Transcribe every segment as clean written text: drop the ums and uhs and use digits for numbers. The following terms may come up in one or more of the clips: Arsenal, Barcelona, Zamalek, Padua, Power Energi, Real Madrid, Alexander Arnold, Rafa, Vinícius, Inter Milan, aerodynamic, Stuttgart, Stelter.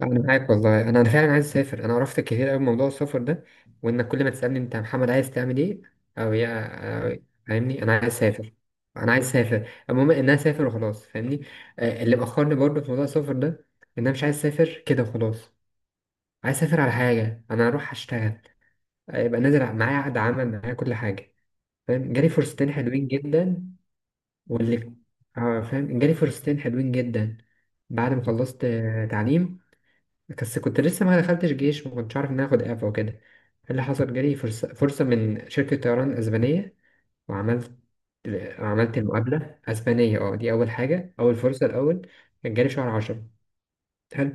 انا معاك والله، انا فعلا عايز اسافر. انا عرفت كتير قوي موضوع السفر ده، وانك كل ما تسالني: انت يا محمد عايز تعمل ايه او يا أو- فاهمني انا عايز اسافر. انا عايز اسافر. المهم ان انا اسافر وخلاص، فاهمني. اللي مأخرني برضه في موضوع السفر ده ان انا مش عايز اسافر كده وخلاص. عايز اسافر على حاجه، انا اروح اشتغل. يبقى نازل معايا عقد عمل، معايا كل حاجه. فاهم، جالي فرصتين حلوين جدا. واللي اه فاهم جالي فرصتين حلوين جدا بعد ما خلصت تعليم، بس كنت لسه ما دخلتش جيش وما كنتش عارف ان انا اخد اعفاء. وكده إيه اللي حصل؟ جالي فرصة من شركة طيران اسبانية. وعملت عملت المقابلة اسبانية، اه، دي اول حاجة، اول فرصة، الاول. كان جالي شهر عشرة. حلو.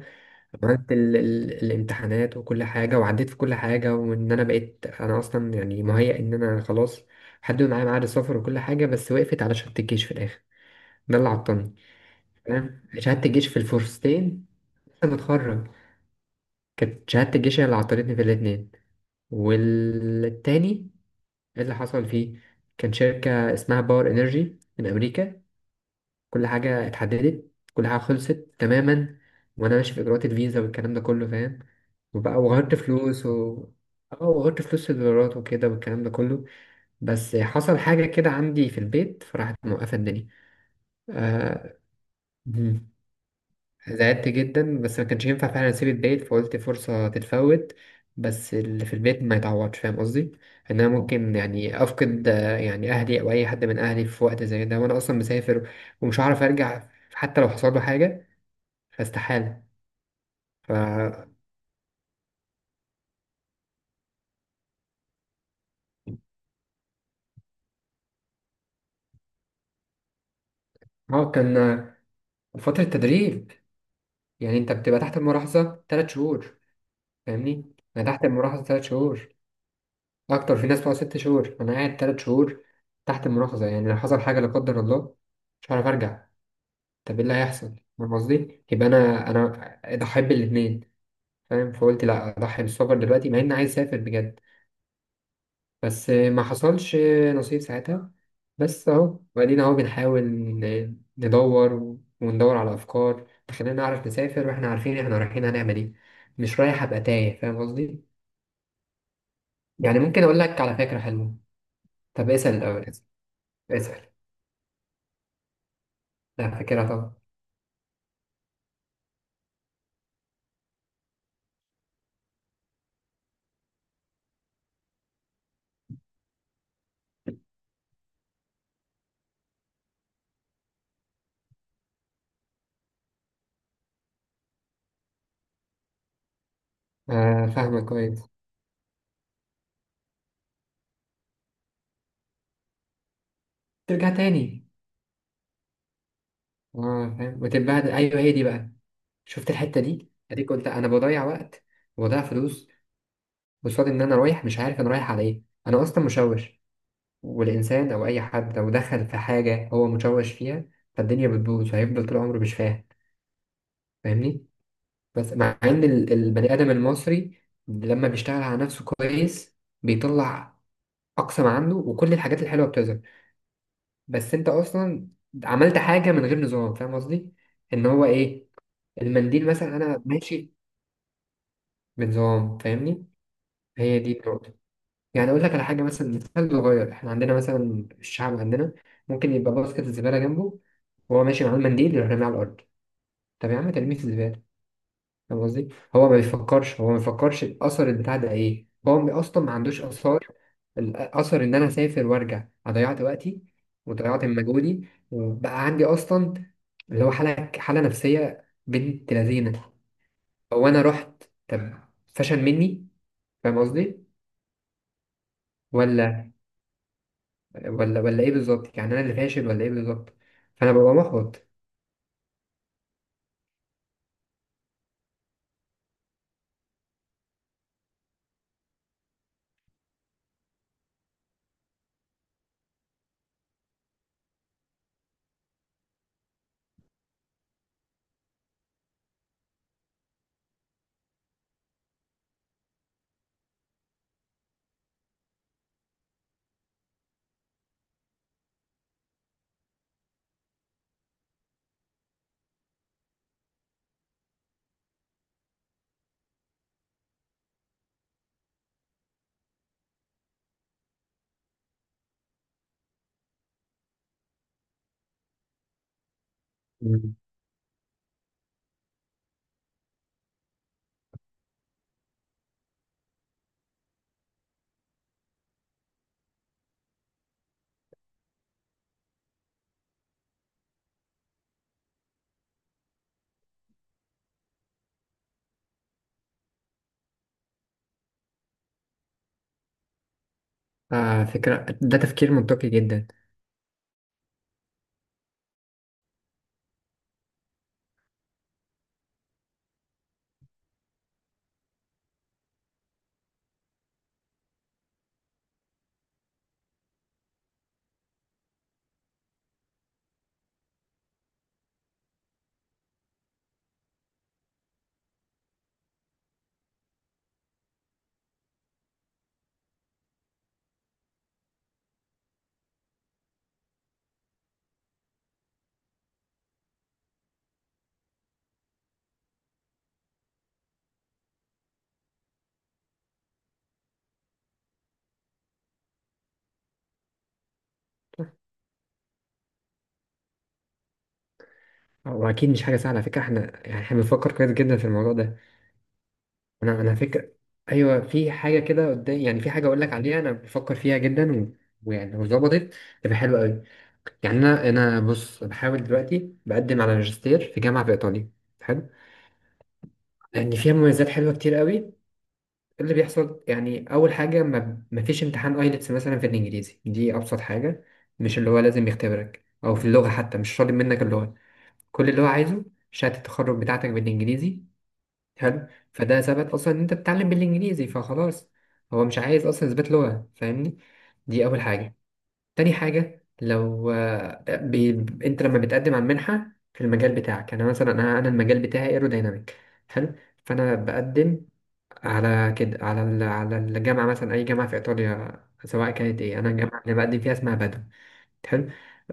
عملت الامتحانات وكل حاجة، وعديت في كل حاجة، وان انا بقيت انا اصلا يعني مهيأ ان انا خلاص. حددوا معايا ميعاد السفر وكل حاجة، بس وقفت على شهادة الجيش في الاخر. ده اللي عطلني. تمام، شهادة الجيش في الفرصتين. لسه متخرج. كانت شهادة الجيش هي اللي عطلتني في الاتنين. والتاني اللي حصل فيه كان شركة اسمها باور انرجي من امريكا. كل حاجة اتحددت، كل حاجة خلصت تماما، وانا ماشي في اجراءات الفيزا والكلام ده كله، فاهم. وبقى وغيرت فلوس و اه وغيرت فلوس في الدولارات وكده والكلام ده كله. بس حصل حاجة كده عندي في البيت، فراحت موقفة الدنيا. آه. زعلت جدا بس ما كانش ينفع فعلا اسيب البيت، فقلت فرصة تتفوت. بس اللي في البيت ما يتعوضش، فاهم قصدي؟ ان انا ممكن يعني افقد يعني اهلي او اي حد من اهلي في وقت زي ده وانا اصلا مسافر ومش هعرف ارجع حتى لو حصل له حاجة، فاستحالة. ف كان فترة تدريب. يعني انت بتبقى تحت الملاحظة 3 شهور. فاهمني، انا تحت الملاحظة 3 شهور. اكتر، في ناس بتقعد 6 شهور. انا قاعد 3 شهور تحت الملاحظة، يعني لو حصل حاجة لا قدر الله مش هعرف ارجع. طب ايه اللي هيحصل؟ فاهم قصدي؟ يبقى انا اضحي بالاثنين. فاهم؟ فقلت لا، اضحي بالسفر دلوقتي مع اني عايز اسافر بجد. بس ما حصلش نصيب ساعتها. بس اهو، وبعدين اهو بنحاول ندور وندور على افكار تخلينا نعرف نسافر واحنا عارفين احنا رايحين هنعمل ايه، مش رايح ابقى تايه، فاهم قصدي. يعني ممكن اقول لك على فكره حلوه. طب اسال الاول. اسال. اسال. لا، فاكرها طبعا. آه، فاهمك كويس. ترجع تاني. اه فاهم، وتتبهدل. ايوه، هي دي بقى. شفت الحتة دي اديك؟ قلت انا بضيع وقت وبضيع فلوس. قصاد ان انا رايح مش عارف انا رايح على ايه، انا اصلا مشوش. والانسان او اي حد لو دخل في حاجة هو مشوش فيها، فالدنيا بتبوظ وهيفضل طول عمره مش فاهم، فاهمني. بس مع ان البني ادم المصري لما بيشتغل على نفسه كويس بيطلع اقصى ما عنده، وكل الحاجات الحلوة بتظهر. بس انت اصلا عملت حاجة من غير نظام، فاهم قصدي ان هو ايه. المنديل مثلا، انا ماشي بنظام، فاهمني. هي دي النقطة. يعني اقول لك على حاجه، مثلا مثال صغير. احنا عندنا مثلا، الشعب عندنا ممكن يبقى باسكت الزباله جنبه وهو ماشي معاه المنديل، يروح راميه على الارض. طب يا عم ترميه في الزباله. فاهم قصدي؟ هو ما بيفكرش. هو ما بيفكرش الاثر البتاع ده ايه. هو اصلا ما عندوش اثار. الاثر ان انا اسافر وارجع، أنا ضيعت وقتي وضيعت من مجهودي، وبقى عندي اصلا اللي هو حاله نفسيه بنت لذينه. هو انا رحت، طب فشل مني، فاهم قصدي؟ ولا ولا ولا ايه بالظبط؟ يعني انا اللي فاشل ولا ايه بالظبط؟ فانا ببقى محبط. مم. آه، فكرة ده تفكير منطقي جدا. واكيد مش حاجة سهلة، على فكرة احنا يعني احنا بنفكر كويس جدا في الموضوع ده. انا فكرة. ايوه، في حاجة كده قدام، يعني في حاجة اقول لك عليها انا بفكر فيها جدا ويعني لو ظبطت تبقى حلوة قوي. يعني انا بص، بحاول دلوقتي بقدم على ماجستير في جامعة في ايطاليا. حلو. لان فيها مميزات حلوة كتير قوي. اللي بيحصل يعني، اول حاجه ما فيش امتحان ايلتس مثلا في الانجليزي. دي ابسط حاجه. مش اللي هو لازم يختبرك او في اللغه، حتى مش طالب منك اللغه. كل اللي هو عايزه شهاده التخرج بتاعتك بالانجليزي. حلو. فده ثبت اصلا ان انت بتتعلم بالانجليزي فخلاص، هو مش عايز اصلا اثبات لغه، فاهمني. دي اول حاجه. تاني حاجه، لو انت لما بتقدم على المنحه في المجال بتاعك. انا مثلا، أنا المجال بتاعي ايرودايناميك. حلو. فانا بقدم على كده على ال- على الجامعة، مثلا أي جامعة في إيطاليا، سواء كانت إيه. أنا الجامعة اللي بقدم فيها اسمها بادو. حلو.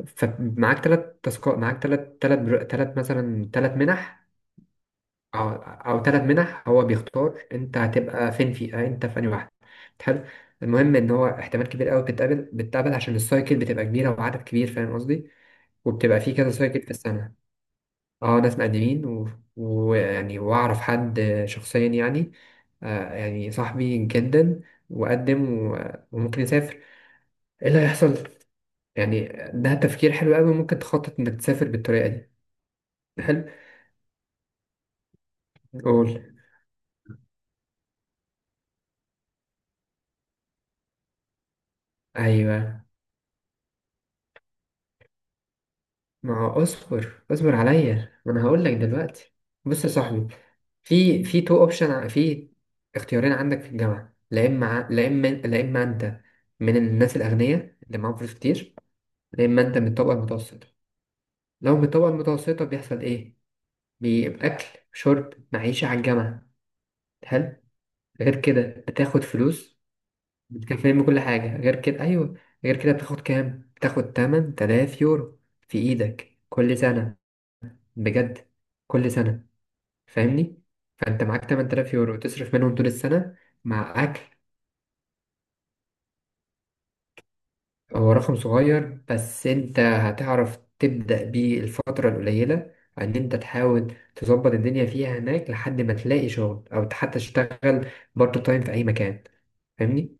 فمعاك 3 تاسكات، معاك تلات تلات برو- تلات مثلا 3 منح. أو 3 منح، هو بيختار أنت هتبقى فين، في أنت في أنهي واحدة. حلو. المهم إن هو احتمال كبير أوي بتتقابل عشان السايكل بتبقى كبيرة وعدد كبير، فاهم قصدي؟ وبتبقى فيه كذا سايكل في السنة. اه، ناس مقدمين، ويعني، واعرف حد شخصيا يعني يعني صاحبي جدا، وقدم وممكن يسافر. ايه اللي هيحصل يعني؟ ده تفكير حلو قوي. ممكن تخطط انك تسافر بالطريقة دي. حلو. قول. ايوه، ما هو اصبر اصبر عليا، ما انا هقول لك دلوقتي. بص يا صاحبي، في تو اوبشن، في اختيارين عندك في الجامعة: لا اما ع- لا اما لا اما انت من الناس الاغنياء اللي معاهم فلوس كتير، لا اما انت من الطبقة المتوسطة. لو بالطبقة المتوسطة بيحصل إيه؟ بيبقى أكل، شرب، معيشة على الجامعة. حلو. غير كده بتاخد فلوس بتكفيهم بكل حاجة. غير كده أيوه. غير كده بتاخد كام؟ بتاخد 8000 يورو في إيدك كل سنة. بجد؟ كل سنة. فاهمني؟ فأنت معاك 8000 يورو تصرف منهم طول السنة مع أكل. هو رقم صغير بس انت هتعرف تبدأ بيه الفترة القليلة، ان انت تحاول تظبط الدنيا فيها هناك لحد ما تلاقي شغل او حتى تشتغل بارت تايم في اي مكان. فاهمني.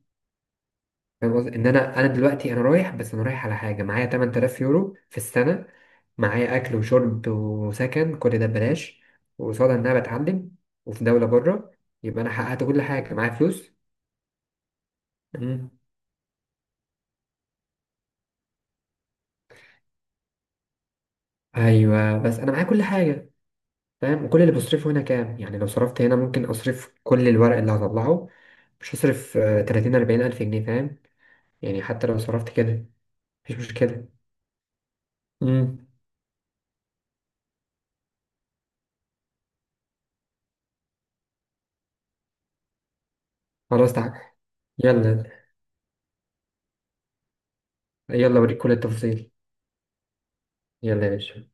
فاهم قصدي ان انا دلوقتي انا رايح، بس انا رايح على حاجة معايا 8000 يورو في السنة، معايا اكل وشرب وسكن كل ده ببلاش، وقصاد ان انا بتعلم وفي دولة بره. يبقى انا حققت كل حاجة، معايا فلوس. مم. ايوه، بس انا معايا كل حاجة. فاهم كل اللي بصرفه هنا كام يعني؟ لو صرفت هنا ممكن اصرف كل الورق اللي هطلعه. مش هصرف 30 40 الف جنيه، فاهم؟ يعني حتى لو صرفت كده مفيش مشكلة. امم. خلاص تعال. يلا. يلا اوريك كل التفاصيل. يلا يا باشا.